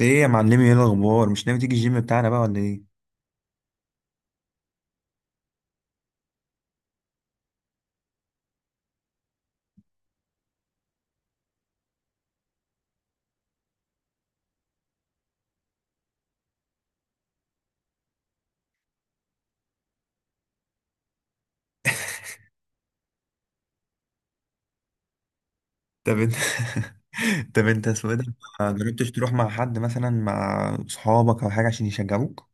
ايه يا معلمي، ايه الاخبار؟ مش ناوي تيجي الجيم بتاعنا بقى ولا ايه؟ طب انت. طب انت اسمه ايه ده؟ ما جربتش تروح مع حد مثلا، مع صحابك او حاجه عشان يشجعوك؟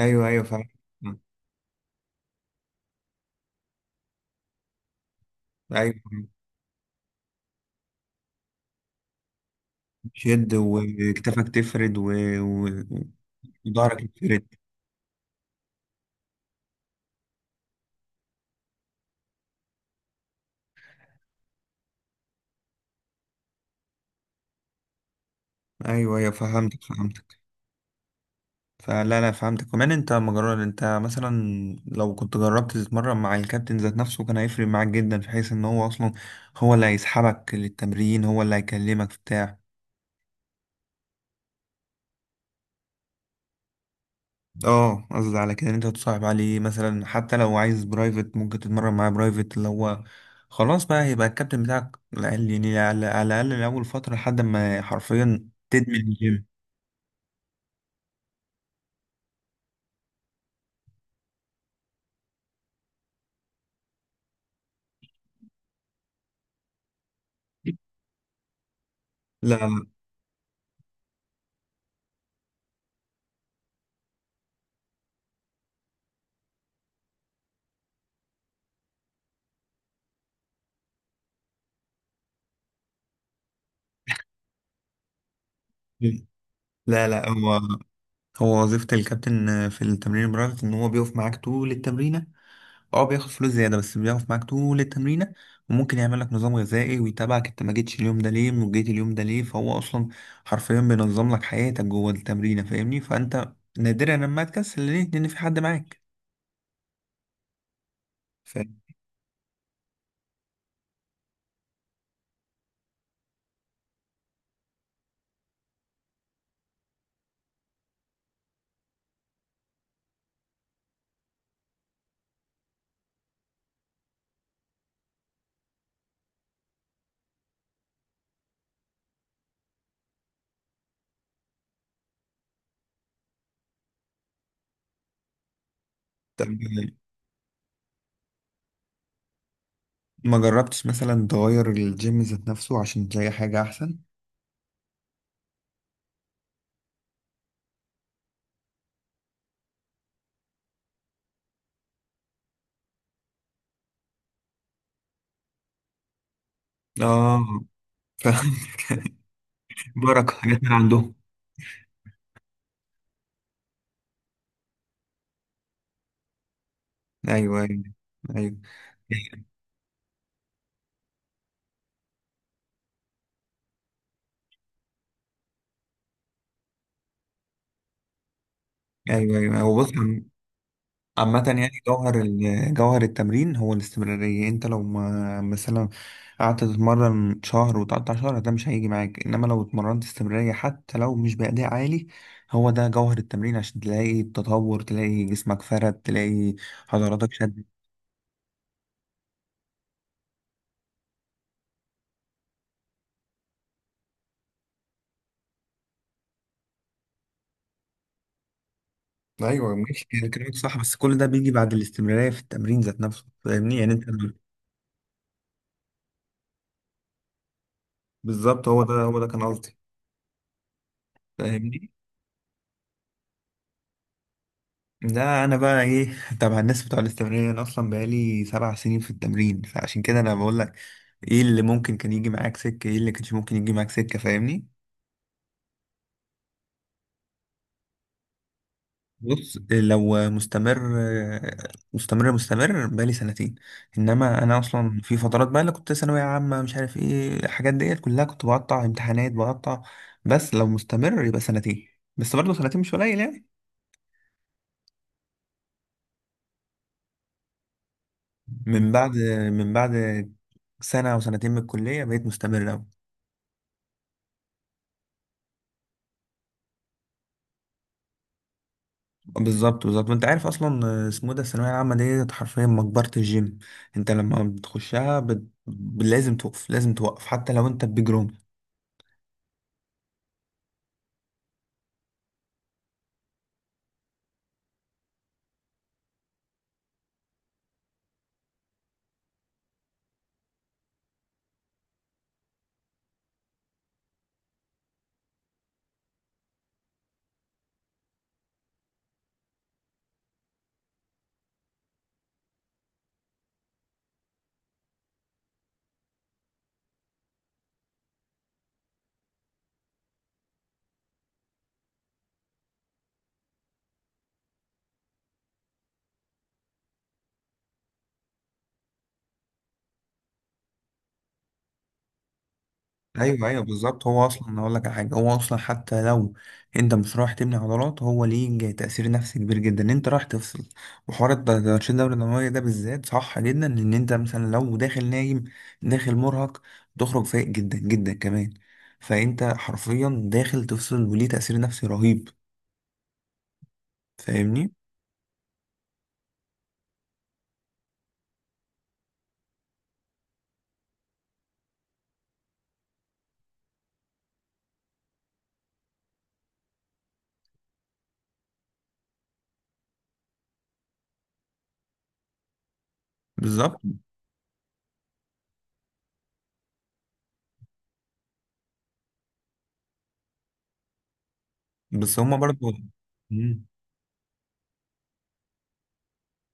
ايوه ايوه، فاهم. ايوه، شد وكتفك تفرد و... وضهرك يتفرد. ايوه ايوه، فهمتك فهمتك. فلا لا، فهمتك. كمان انت ما جربت انت مثلا، لو كنت جربت تتمرن مع الكابتن ذات نفسه، كان هيفرق معاك جدا، في حيث ان هو اصلا هو اللي هيسحبك للتمرين، هو اللي هيكلمك بتاع. اه، قصدي على كده ان انت تصاحب عليه مثلا، حتى لو عايز برايفت، ممكن تتمرن معاه برايفت، اللي هو خلاص بقى هيبقى الكابتن بتاعك على الأقل- يعني على الاقل لاول فتره لحد ما حرفيا تدمن الجيم. لا لا لا لا، هو هو وظيفه الكابتن في التمرين البرايفت ان هو بيقف معاك طول التمرينه. اه بياخد فلوس زيادة بس بيقف معاك طول التمرينة، وممكن يعمل لك نظام غذائي ويتابعك انت ما جيتش اليوم ده ليه وجيت اليوم ده ليه. فهو اصلا حرفيا بينظم لك حياتك جوه التمرينة، فاهمني؟ فانت نادرا لما تكسل، ليه؟ لان في حد معاك. فانت ما جربتش مثلا تغير الجيم ذات نفسه عشان تلاقي حاجة احسن؟ اه، فاهمك. بركة حاجات من عندهم. ايوه ايوه. ايوه ايوه. ايوه، هو بص، عامة يعني جوهر جوهر التمرين هو الاستمرارية. انت لو ما مثلا قعدت تتمرن شهر وتقطع شهر، ده مش هيجي معاك. انما لو اتمرنت استمرارية حتى لو مش بأداء عالي، هو ده جوهر التمرين، عشان تلاقي التطور، تلاقي جسمك فرد، تلاقي عضلاتك شدت. ايوه ماشي، يعني كلامك صح، بس كل ده بيجي بعد الاستمرارية في التمرين ذات نفسه، فاهمني؟ يعني انت بالظبط، هو ده هو ده كان قصدي. فاهمني؟ لا انا بقى ايه، تبع الناس بتوع الاستمرارية. انا اصلا بقالي سبع سنين في التمرين، فعشان كده انا بقول لك ايه اللي ممكن كان يجي معاك سكة، ايه اللي كانش ممكن يجي معاك سكة، فاهمني؟ بص لو مستمر مستمر، مستمر بقالي سنتين. انما انا اصلا في فترات بقى، اللي كنت ثانوية عامة مش عارف ايه، الحاجات ديت كلها كنت بقطع، امتحانات بقطع. بس لو مستمر يبقى سنتين. بس برضه سنتين مش قليل يعني. من بعد من بعد سنة او سنتين من الكلية بقيت مستمر أوي. بالظبط بالظبط. وانت عارف اصلا اسمه إيه ده، الثانويه العامه دي حرفيا مقبره الجيم. انت لما بتخشها بت... لازم توقف، لازم توقف، حتى لو انت بجروم. ايوه ايوه بالظبط. هو اصلا هقول لك على حاجه، هو اصلا حتى لو انت مش رايح تبني عضلات، هو ليه تاثير نفسي كبير جدا. انت رايح تفصل. وحوار التنشيط الدوري الدمويه ده بالذات صح جدا، ان انت مثلا لو داخل نايم، داخل مرهق، تخرج فايق جدا جدا كمان. فانت حرفيا داخل تفصل وليه تاثير نفسي رهيب، فاهمني؟ بالظبط. بس هما برضو. مم.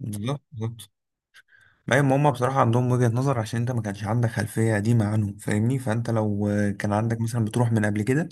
بالظبط بالظبط. ايوه، ما هما بصراحة عندهم وجهة نظر، عشان انت ما كانش عندك خلفية قديمة عنه، فاهمني؟ فانت لو كان عندك مثلا بتروح من قبل كده،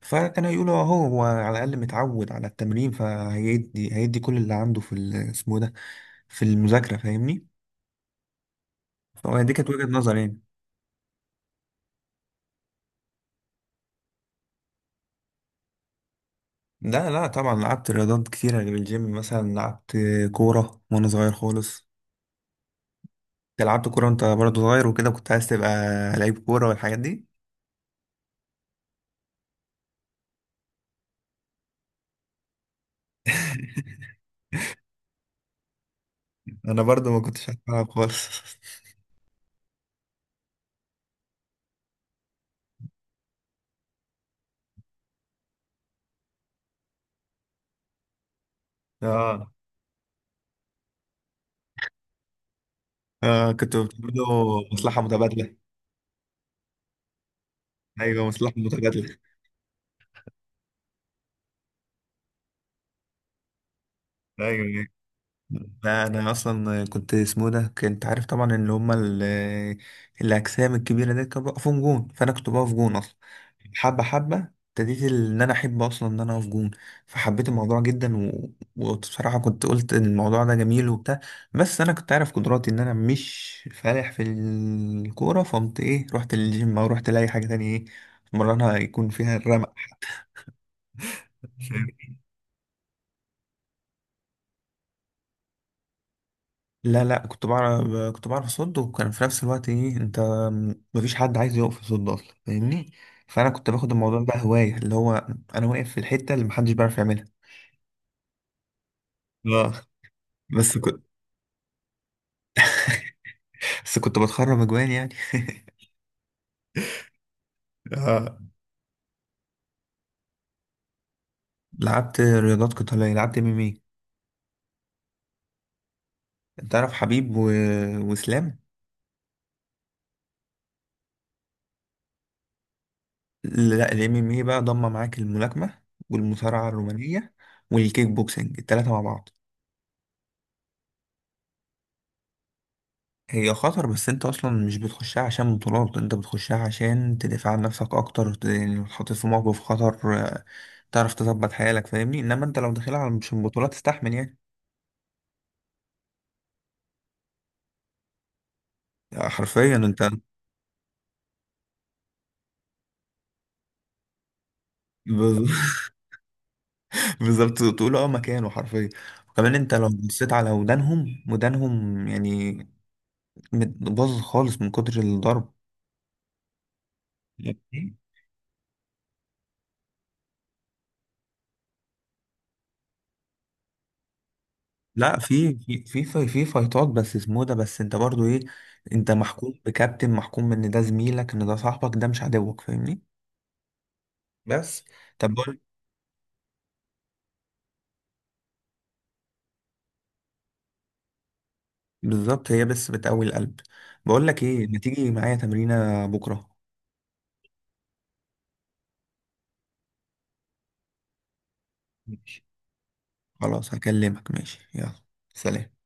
فكان هيقولوا اهو، هو على الاقل متعود على التمرين، فهيدي هيدي كل اللي عنده في اسمه ده، في المذاكرة، فاهمني؟ فهو دي كانت وجهة نظري يعني. لا لا طبعا، لعبت رياضات كتيرة غير الجيم، مثلا لعبت كورة وانا صغير خالص. أنت لعبت كورة وانت برضو صغير وكده، كنت عايز تبقى لعيب كورة والحاجات دي؟ انا برضو ما كنتش هلعب خالص. اه. اه، كنت برضو. مصلحة متبادلة. ايوه، مصلحة متبادلة. ايوه. لا انا اصلا كنت اسمه ده، كنت عارف طبعا ان هما الاجسام الكبيره دي كانوا بيقفوا جون، فانا كنت بقف جون اصلا. حبه حبه ابتديت ان انا احب اصلا ان انا اقف جون، فحبيت الموضوع جدا. و... وبصراحه كنت قلت إن الموضوع ده جميل وبتاع. بس انا كنت عارف قدراتي ان انا مش فالح في الكوره، فقمت ايه، رحت للجيم او رحت لاي حاجه تانية، ايه، مرنها يكون فيها الرمق. لا لا، كنت بعرف. كنت بعرف اصد، وكان في نفس الوقت ايه، انت مفيش حد عايز يقف يصد اصلا، فاهمني؟ فانا كنت باخد الموضوع بقى هوايه، اللي هو انا واقف في الحته اللي محدش بيعرف يعملها. اه. بس كنت، بس كنت بتخرب اجوان يعني. اه. لعبت رياضات قتاليه، لعبت ام ام اي. انت عارف حبيب و... واسلام. لا الام ام اي بقى ضم معاك الملاكمه والمصارعه الرومانيه والكيك بوكسنج، التلاته مع بعض. هي خطر، بس انت اصلا مش بتخشها عشان بطولات، انت بتخشها عشان تدافع عن نفسك اكتر، ت- يعني تحط في موقف خطر، تعرف تظبط حيالك، فاهمني؟ انما انت لو داخلها على- مش بطولات تستحمل يعني. حرفيا انت ب-. بالظبط، تقول اه مكانه حرفيا. وكمان انت لو بصيت على ودانهم، ودانهم يعني مت- باظت خالص من كتر الضرب. لا، في في في في في فايتات، بس اسمه ده، بس انت برضو ايه، انت محكوم بكابتن، محكوم ان ده زميلك ان ده صاحبك، ده مش عدوك، فاهمني؟ بس. طب بقول، بالظبط، هي بس بتقوي القلب. بقول لك ايه، ما تيجي معايا تمرينة بكرة؟ ماشي، خلاص هكلمك. ماشي، يلا، سلام.